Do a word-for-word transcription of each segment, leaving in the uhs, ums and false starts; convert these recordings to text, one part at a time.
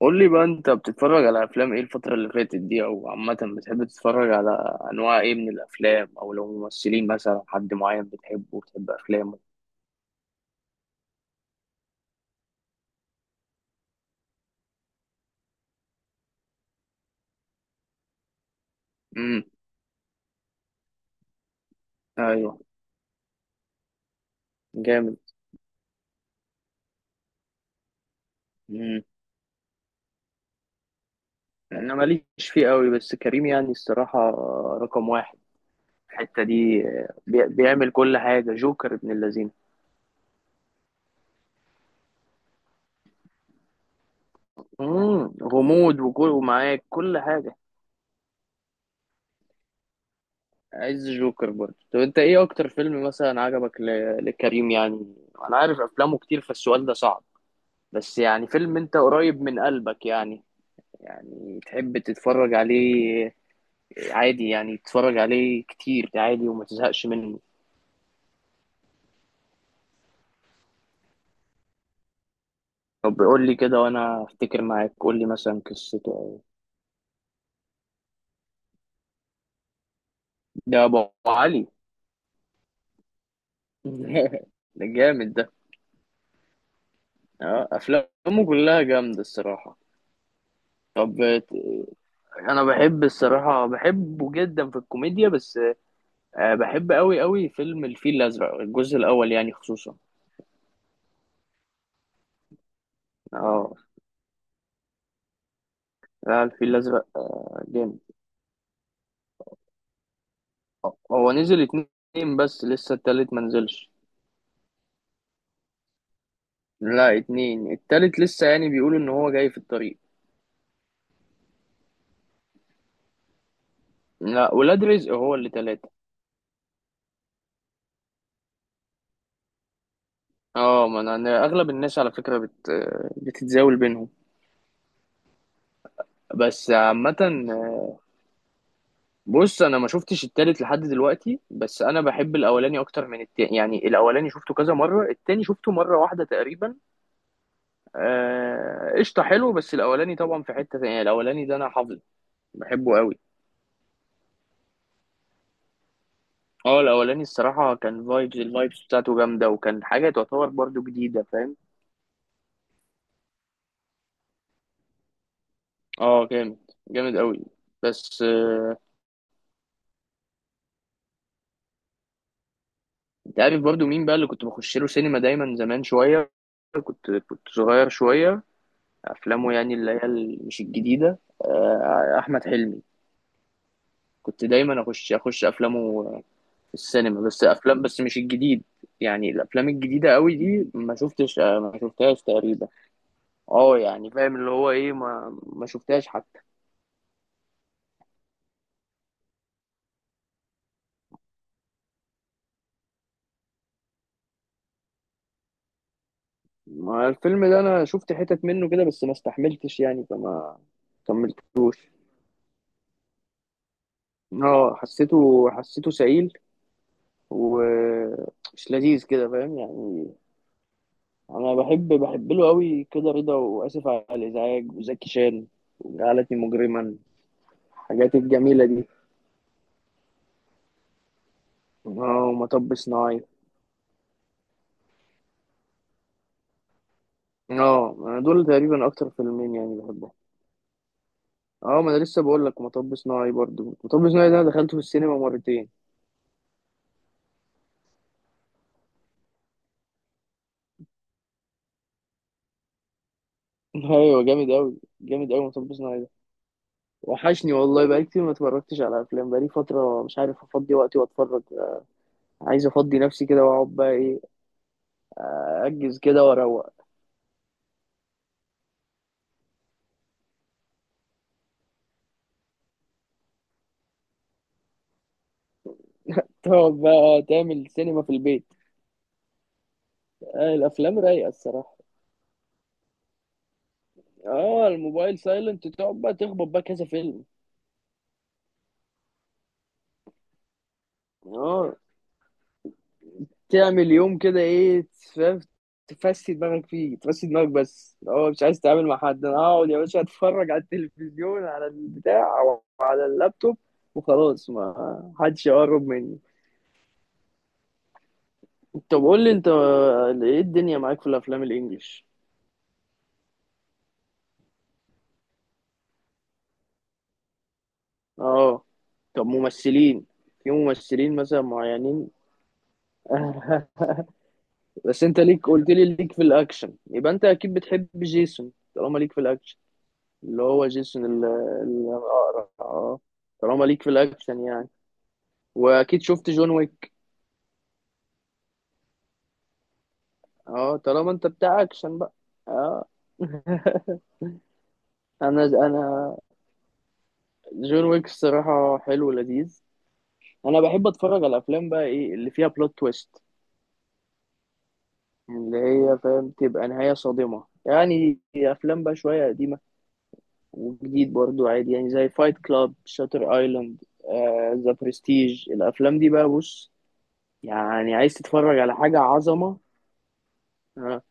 قول لي بقى، انت بتتفرج على افلام ايه الفترة اللي فاتت دي؟ او عامة بتحب تتفرج على انواع ايه من الافلام؟ او لو ممثلين مثلا، حد معين بتحبه وبتحب افلامه؟ امم. ايوه، جامد. امم. انا ماليش فيه قوي، بس كريم يعني الصراحة رقم واحد. الحتة دي، آه، بي- بيعمل كل حاجة، جوكر ابن اللذين. امم غموض، وكل ومعاك كل حاجة. عايز جوكر برضه. طب انت ايه اكتر فيلم مثلا عجبك ل- لكريم يعني؟ انا عارف افلامه كتير، فالسؤال ده صعب. بس يعني فيلم انت قريب من قلبك يعني، يعني تحب تتفرج عليه، عادي يعني تتفرج عليه كتير عادي وما تزهقش منه. طب قول لي كده وانا افتكر معاك، قول لي مثلا قصته أو- ده ابو علي. ده جامد ده. اه، افلامه كلها جامده الصراحه. طب، انا بحب الصراحه بحبه جدا في الكوميديا، بس آه، بحب قوي قوي فيلم الفيل الازرق، الجزء الاول يعني خصوصا. اه، لا، الفيل الازرق آه، جامد. هو نزل اتنين، بس لسه التالت ما نزلش. لا اتنين، التالت لسه يعني بيقولوا ان هو جاي في الطريق. لا ولاد رزق هو اللي تلاتة. اه، ما انا أنا اغلب الناس على فكرة بت... بتتزاول بينهم. بس عامة، بص، انا ما شفتش التالت لحد دلوقتي، بس انا بحب الاولاني اكتر من التاني يعني، الاولاني شفته كذا مرة، التاني شفته مرة واحدة تقريبا. آه، قشطة، حلو، بس الاولاني طبعا في حتة تانية، الاولاني ده انا حافظه، بحبه قوي. اه، الاولاني الصراحه كان فايبز، الفايبز بتاعته جامده، وكان حاجه تعتبر برضو جديده، فاهم. اه جامد، جامد قوي. بس آه. انت عارف برضو مين بقى اللي كنت بخش له سينما دايما زمان شويه؟ كنت كنت صغير شويه، افلامه يعني اللي هي ال- مش الجديده، آه، احمد حلمي. كنت دايما اخش اخش افلامه في السينما، بس افلام بس مش الجديد. يعني الافلام الجديده قوي دي ما شفتش آه، ما شفتهاش تقريبا. اه يعني فاهم اللي هو ايه، ما ما شفتهاش حتى. ما الفيلم ده انا شفت حتت منه كده، بس ما استحملتش يعني، فما كملتوش. اه حسيته حسيته سعيل ومش لذيذ كده، فاهم يعني. انا بحب بحب له قوي كده رضا، واسف على الازعاج، وزكي شان، وجعلتني مجرما، الحاجات الجميله دي. اه، ومطب صناعي. اه، انا دول تقريبا اكتر فيلمين يعني بحبهم. اه، ما انا لسه بقول لك، مطب صناعي برضو، مطب صناعي ده انا دخلته في السينما مرتين. ايوه، جامد قوي، جامد قوي مطب صناعي ده. وحشني والله، بقالي كتير ما اتفرجتش على افلام، بقالي فتره مش عارف افضي وقتي واتفرج. عايز افضي نفسي كده واقعد بقى ايه، اجز كده واروق. تقعد بقى آه، تعمل سينما في البيت. آه الافلام رايقه الصراحه. اه، الموبايل سايلنت، تقعد بقى تخبط بقى كذا فيلم. اه، تعمل يوم كده ايه، تف- تفسي دماغك فيه، تفسي دماغك. بس اه، مش عايز تتعامل مع حد، انا اقعد يا باشا اتفرج على التلفزيون، على البتاع، او على اللابتوب، وخلاص، ما حدش يقرب مني. طب قول لي انت، ايه الدنيا معاك في الافلام الانجليش؟ اه. طب ممثلين، في ممثلين مثلا معينين؟ بس انت ليك، قلت لي ليك في الاكشن، يبقى انت اكيد بتحب جيسون، طالما ليك في الاكشن. اللي هو جيسون ال- الاقرع، اه. طالما ليك في الاكشن يعني. واكيد شفت جون ويك. اه، طالما انت بتاع اكشن بقى، اه. انا انا جون ويك الصراحه حلو ولذيذ. انا بحب اتفرج على الافلام بقى ايه اللي فيها بلوت تويست، اللي هي فاهم، تبقى نهاية صادمة يعني. أفلام بقى شوية قديمة وجديد برضو عادي، يعني زي فايت كلاب، شاتر ايلاند، ذا برستيج، الأفلام دي بقى، بص، يعني عايز تتفرج على حاجة عظمة. آه.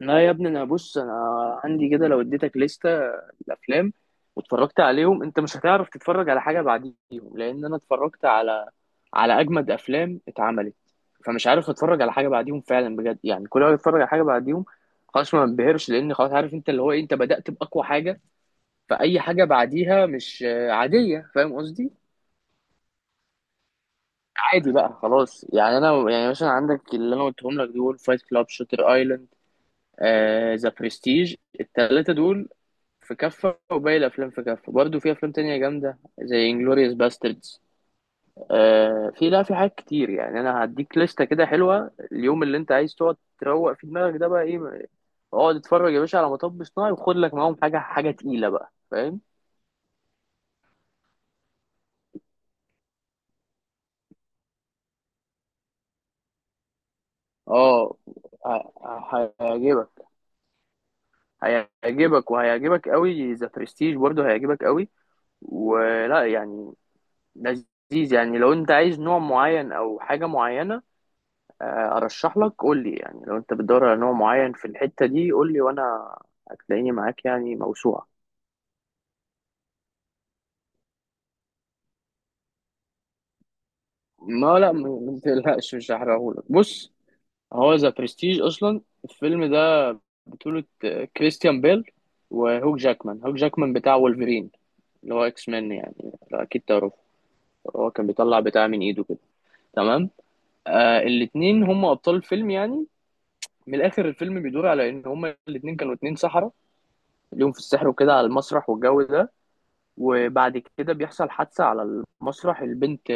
لا يا ابني، أنا بص، أنا عندي كده لو اديتك لستة الأفلام واتفرجت عليهم، أنت مش هتعرف تتفرج على حاجة بعديهم، لأن أنا اتفرجت على على اجمد افلام اتعملت، فمش عارف اتفرج على حاجه بعديهم فعلا بجد. يعني كل ما اتفرج على حاجه بعديهم، خلاص ما بنبهرش، لان خلاص عارف انت اللي هو إيه، انت بدأت باقوى حاجه، فاي حاجه بعديها مش آه، عاديه، فاهم قصدي. عادي بقى خلاص. يعني انا يعني مثلا عندك اللي انا قلتهم لك دول، فايت كلاب، شاتر ايلاند، ذا برستيج، الثلاثه دول في كفه، وباقي الافلام في كفه برضو. في افلام تانية جامده زي انجلوريوس باستردز. آه، في لا في حاجات كتير يعني. انا هديك لستة كده حلوة اليوم اللي انت عايز تقعد تروق في دماغك ده بقى ايه. اقعد اتفرج يا باشا على مطب صناعي، وخد لك معاهم حاجة حاجة تقيلة بقى، فاهم. اه، ه- ه- هيعجبك، هيعجبك وهيعجبك قوي. ذا برستيج برضه هيعجبك قوي، ولا يعني لذيذ يعني. لو انت عايز نوع معين او حاجة معينة، آه، ارشح لك. قول لي يعني، لو انت بتدور على نوع معين في الحتة دي قول لي، وانا هتلاقيني معاك يعني موسوعة. ما لا، ما ما تقلقش، مش هحرقهولك. بص، هو ذا برستيج اصلا الفيلم ده بطولة آه، كريستيان بيل وهوك جاكمان. هوك جاكمان بتاع وولفرين، اللي هو اكس مان يعني، لا اكيد تعرفه. هو كان بيطلع بتاع من ايده كده، تمام. آه الاتنين هم ابطال الفيلم يعني. من الاخر، الفيلم بيدور على ان هم الاتنين كانوا اتنين سحرة، ليهم في السحر وكده، على المسرح والجو ده. وبعد كده بيحصل حادثة على المسرح. البنت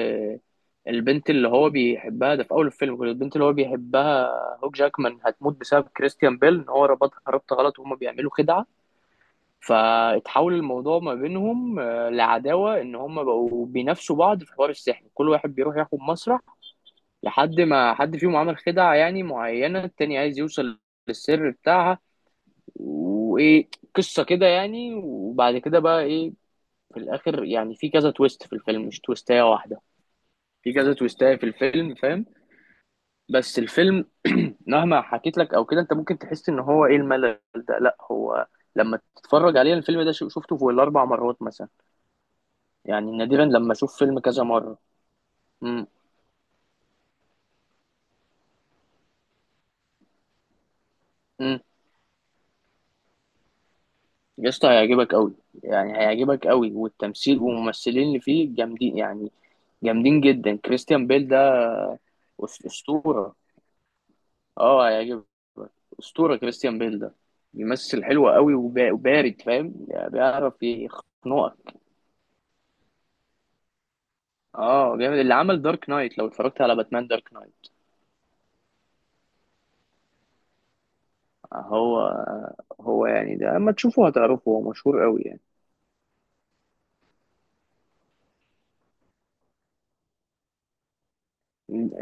البنت اللي هو بيحبها ده في أول الفيلم كده، البنت اللي هو بيحبها هوك جاكمان، هتموت بسبب كريستيان بيل، إن هو ربطها ربط غلط وهما بيعملوا خدعة. فاتحول الموضوع ما بينهم آه، لعداوة، إن هما بقوا بينافسوا بعض في حوار السحر، كل واحد بيروح ياخد مسرح، لحد ما حد فيهم عمل خدعة يعني معينة، التاني عايز يوصل للسر بتاعها. وإيه، قصة كده يعني. وبعد كده بقى إيه، في الاخر يعني في كذا تويست في الفيلم، مش تويستايه واحده، في كذا تويستايه في الفيلم، فاهم. بس الفيلم مهما حكيت لك او كده، انت ممكن تحس ان هو ايه، الملل ده، لا، هو لما تتفرج عليه الفيلم ده، شو- شفته فوق الاربع مرات مثلا، يعني نادرا لما اشوف فيلم كذا مره. امم. امم. يا اسطى هيعجبك قوي، يعني هيعجبك قوي، والتمثيل والممثلين اللي فيه جامدين يعني، جامدين جدا. كريستيان بيل ده أس- اسطوره. اه هيعجبك. اسطوره كريستيان بيل ده، بيمثل حلو قوي، وبا- وبارد، فاهم يعني، بيعرف يخنقك. اه جامد، اللي عمل دارك نايت. لو اتفرجت على باتمان دارك نايت، هو هو يعني ده، اما تشوفه هتعرفه، هو مشهور قوي يعني.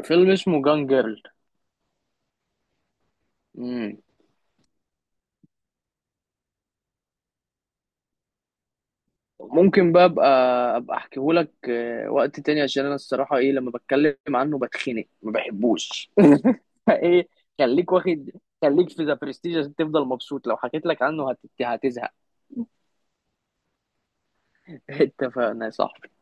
فيلم اسمه جان جيرل. مم. ممكن بقى ابقى ابقى احكيهولك آه، وقت تاني، عشان انا الصراحه ايه، لما بتكلم عنه بتخنق، ما بحبوش. ايه، خليك واخد، خليك في ذا برستيج عشان تفضل مبسوط، لو حكيت لك عنه هت... هتزهق. اتفقنا يا صاحبي.